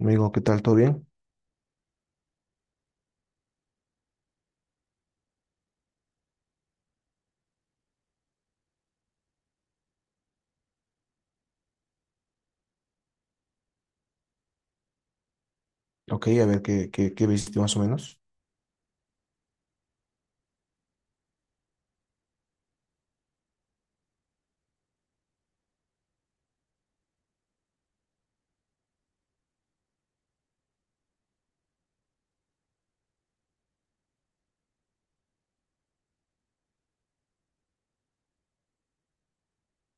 Amigo, ¿qué tal? ¿Todo bien? Ok, a ver qué viste más o menos.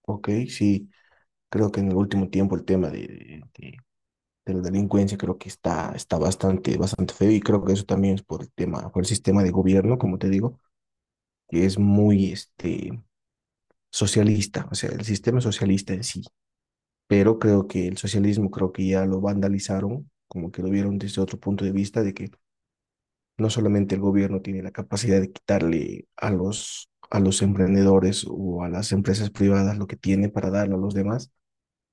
Ok, sí, creo que en el último tiempo el tema de la delincuencia creo que está bastante, bastante feo y creo que eso también es por el tema, por el sistema de gobierno, como te digo, que es muy socialista, o sea, el sistema socialista en sí, pero creo que el socialismo creo que ya lo vandalizaron, como que lo vieron desde otro punto de vista de que no solamente el gobierno tiene la capacidad de quitarle a a los emprendedores o a las empresas privadas lo que tiene para darlo a los demás,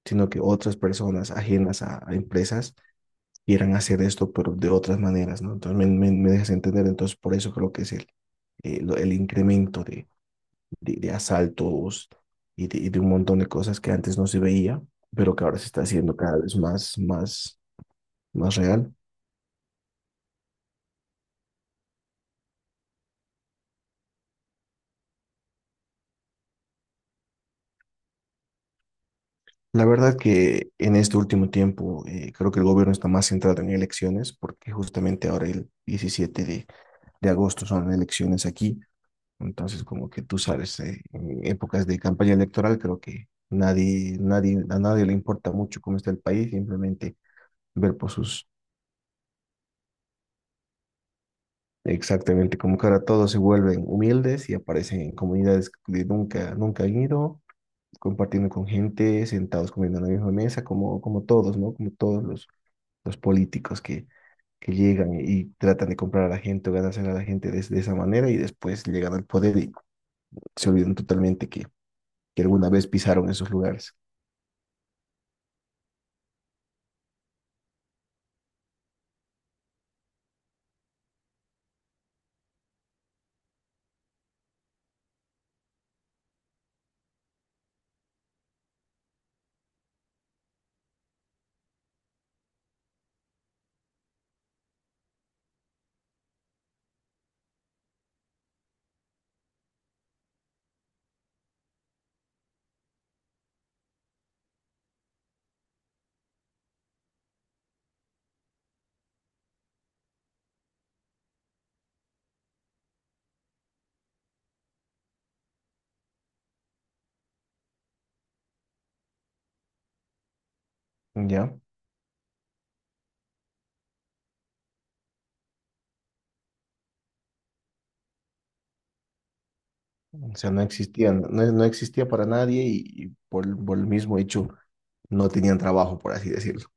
sino que otras personas ajenas a empresas quieran hacer esto, pero de otras maneras, ¿no? Entonces me dejas entender, entonces por eso creo que es el incremento de asaltos y de un montón de cosas que antes no se veía, pero que ahora se está haciendo cada vez más, más real. La verdad que en este último tiempo creo que el gobierno está más centrado en elecciones, porque justamente ahora el 17 de agosto son elecciones aquí. Entonces, como que tú sabes, en épocas de campaña electoral, creo que nadie, nadie, a nadie le importa mucho cómo está el país, simplemente ver por sus, exactamente, como que ahora todos se vuelven humildes y aparecen en comunidades que nunca, nunca han ido, compartiendo con gente, sentados comiendo en la misma mesa, como, como todos, ¿no? Como todos los políticos que llegan y tratan de comprar a la gente o ganarse a la gente de esa manera y después llegan al poder y se olvidan totalmente que alguna vez pisaron esos lugares. Ya, o sea, no existían, no, no existía para nadie y por el mismo hecho no tenían trabajo, por así decirlo.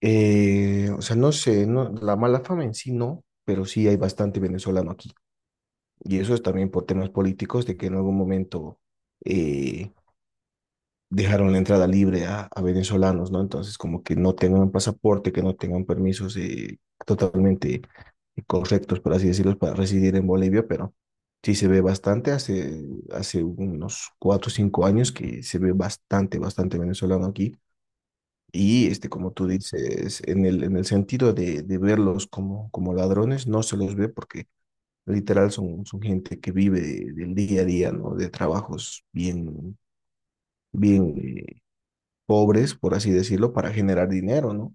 O sea, no sé, no, la mala fama en sí no, pero sí hay bastante venezolano aquí. Y eso es también por temas políticos de que en algún momento eh, dejaron la entrada libre a venezolanos, ¿no? Entonces, como que no tengan pasaporte, que no tengan permisos totalmente correctos, por así decirlo, para residir en Bolivia, pero sí se ve bastante, hace unos 4 o 5 años que se ve bastante, bastante venezolano aquí. Y este, como tú dices, en en el sentido de verlos como, como ladrones, no se los ve porque literal son, son gente que vive del día a día, ¿no? De trabajos bien, bien eh, pobres, por así decirlo, para generar dinero, ¿no?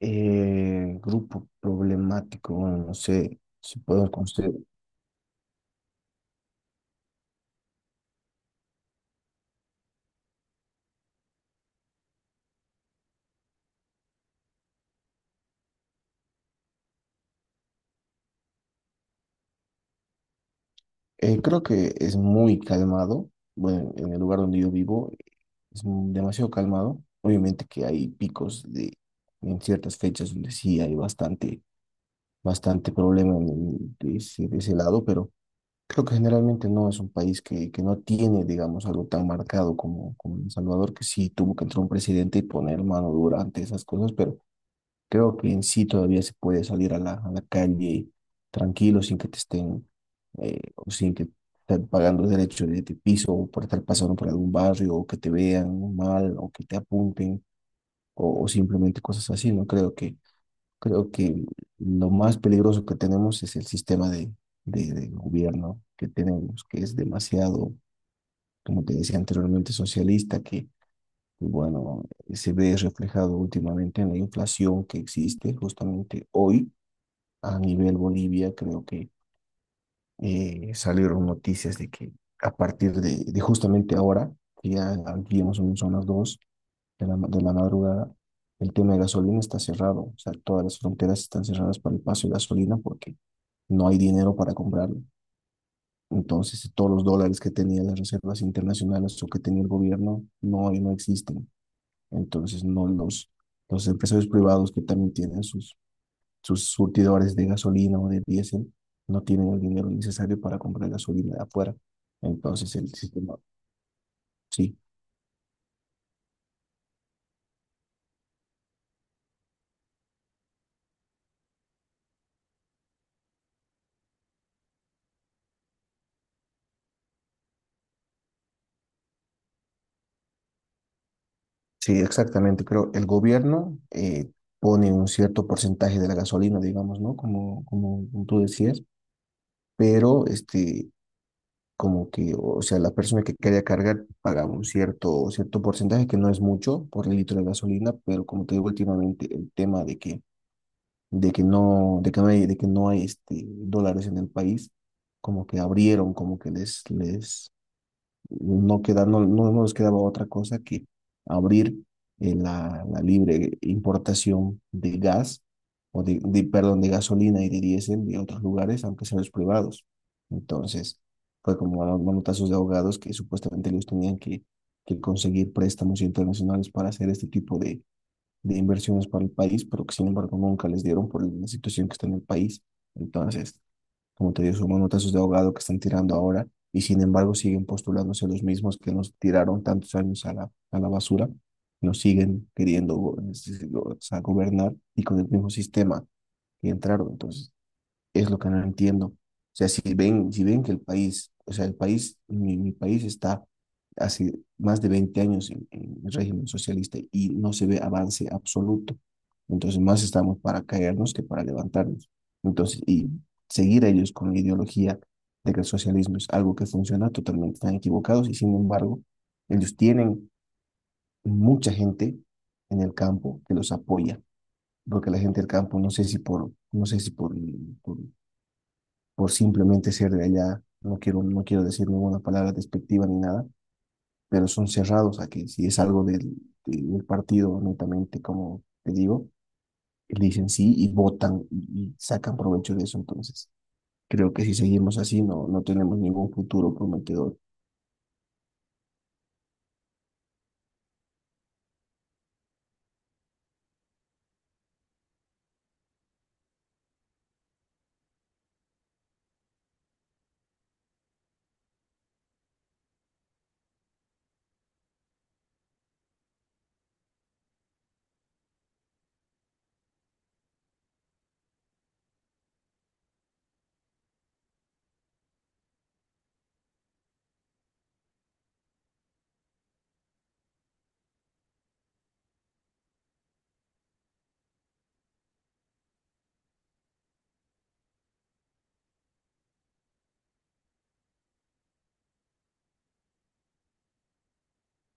Grupo problemático, bueno, no sé si puedo considerar. Creo que es muy calmado. Bueno, en el lugar donde yo vivo es demasiado calmado. Obviamente que hay picos de, en ciertas fechas donde sí hay bastante, bastante problema de ese lado, pero creo que generalmente no es un país que no tiene, digamos, algo tan marcado como, como El Salvador, que sí tuvo que entrar un presidente y poner mano durante esas cosas, pero creo que en sí todavía se puede salir a a la calle tranquilo sin que te estén o sin que estén pagando derechos de piso o por estar pasando por algún barrio o que te vean mal o que te apunten o simplemente cosas así, ¿no? Creo que lo más peligroso que tenemos es el sistema de gobierno que tenemos, que es demasiado, como te decía anteriormente, socialista, que y bueno, se ve reflejado últimamente en la inflación que existe justamente hoy a nivel Bolivia, creo que salieron noticias de que a partir de justamente ahora, que ya digamos son las 2 de de la madrugada, el tema de gasolina está cerrado. O sea, todas las fronteras están cerradas para el paso de gasolina porque no hay dinero para comprarlo. Entonces, todos los dólares que tenían las reservas internacionales o que tenía el gobierno no, no existen. Entonces, no los, los empresarios privados que también tienen sus surtidores de gasolina o de diésel no tienen el dinero necesario para comprar gasolina de afuera. Entonces el sistema, sí, sí, exactamente. Creo el gobierno pone un cierto porcentaje de la gasolina, digamos, ¿no? Como, como tú decías, pero como que, o sea, la persona que quería cargar paga un cierto, cierto porcentaje, que no es mucho por el litro de gasolina, pero como te digo últimamente, el tema de que no hay, de que no hay dólares en el país, como que abrieron, como que les no queda, no les quedaba otra cosa que abrir la libre importación de gas, o perdón, de gasolina y de diésel de otros lugares, aunque sean los privados. Entonces, fue como a los manotazos de abogados que supuestamente ellos tenían que conseguir préstamos internacionales para hacer este tipo de inversiones para el país, pero que sin embargo nunca les dieron por la situación que está en el país. Entonces, como te digo, son manotazos de ahogado que están tirando ahora y sin embargo siguen postulándose los mismos que nos tiraron tantos años a a la basura, nos siguen queriendo es decir, o sea, gobernar y con el mismo sistema que entraron. Entonces, es lo que no entiendo. O sea, si ven que el país, o sea, el país, mi país está hace más de 20 años en el régimen socialista y no se ve avance absoluto. Entonces, más estamos para caernos que para levantarnos. Entonces, y seguir a ellos con la ideología de que el socialismo es algo que funciona, totalmente están equivocados y sin embargo, ellos tienen mucha gente en el campo que los apoya, porque la gente del campo, no sé si por por simplemente ser de allá. No quiero, no quiero decir ninguna palabra despectiva ni nada, pero son cerrados a que si es algo del partido, netamente, como te digo, dicen sí y votan y sacan provecho de eso. Entonces, creo que si seguimos así, no, no tenemos ningún futuro prometedor.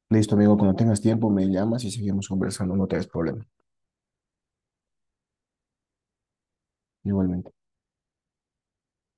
Listo, amigo, cuando tengas tiempo me llamas y seguimos conversando, no te des problema. Igualmente.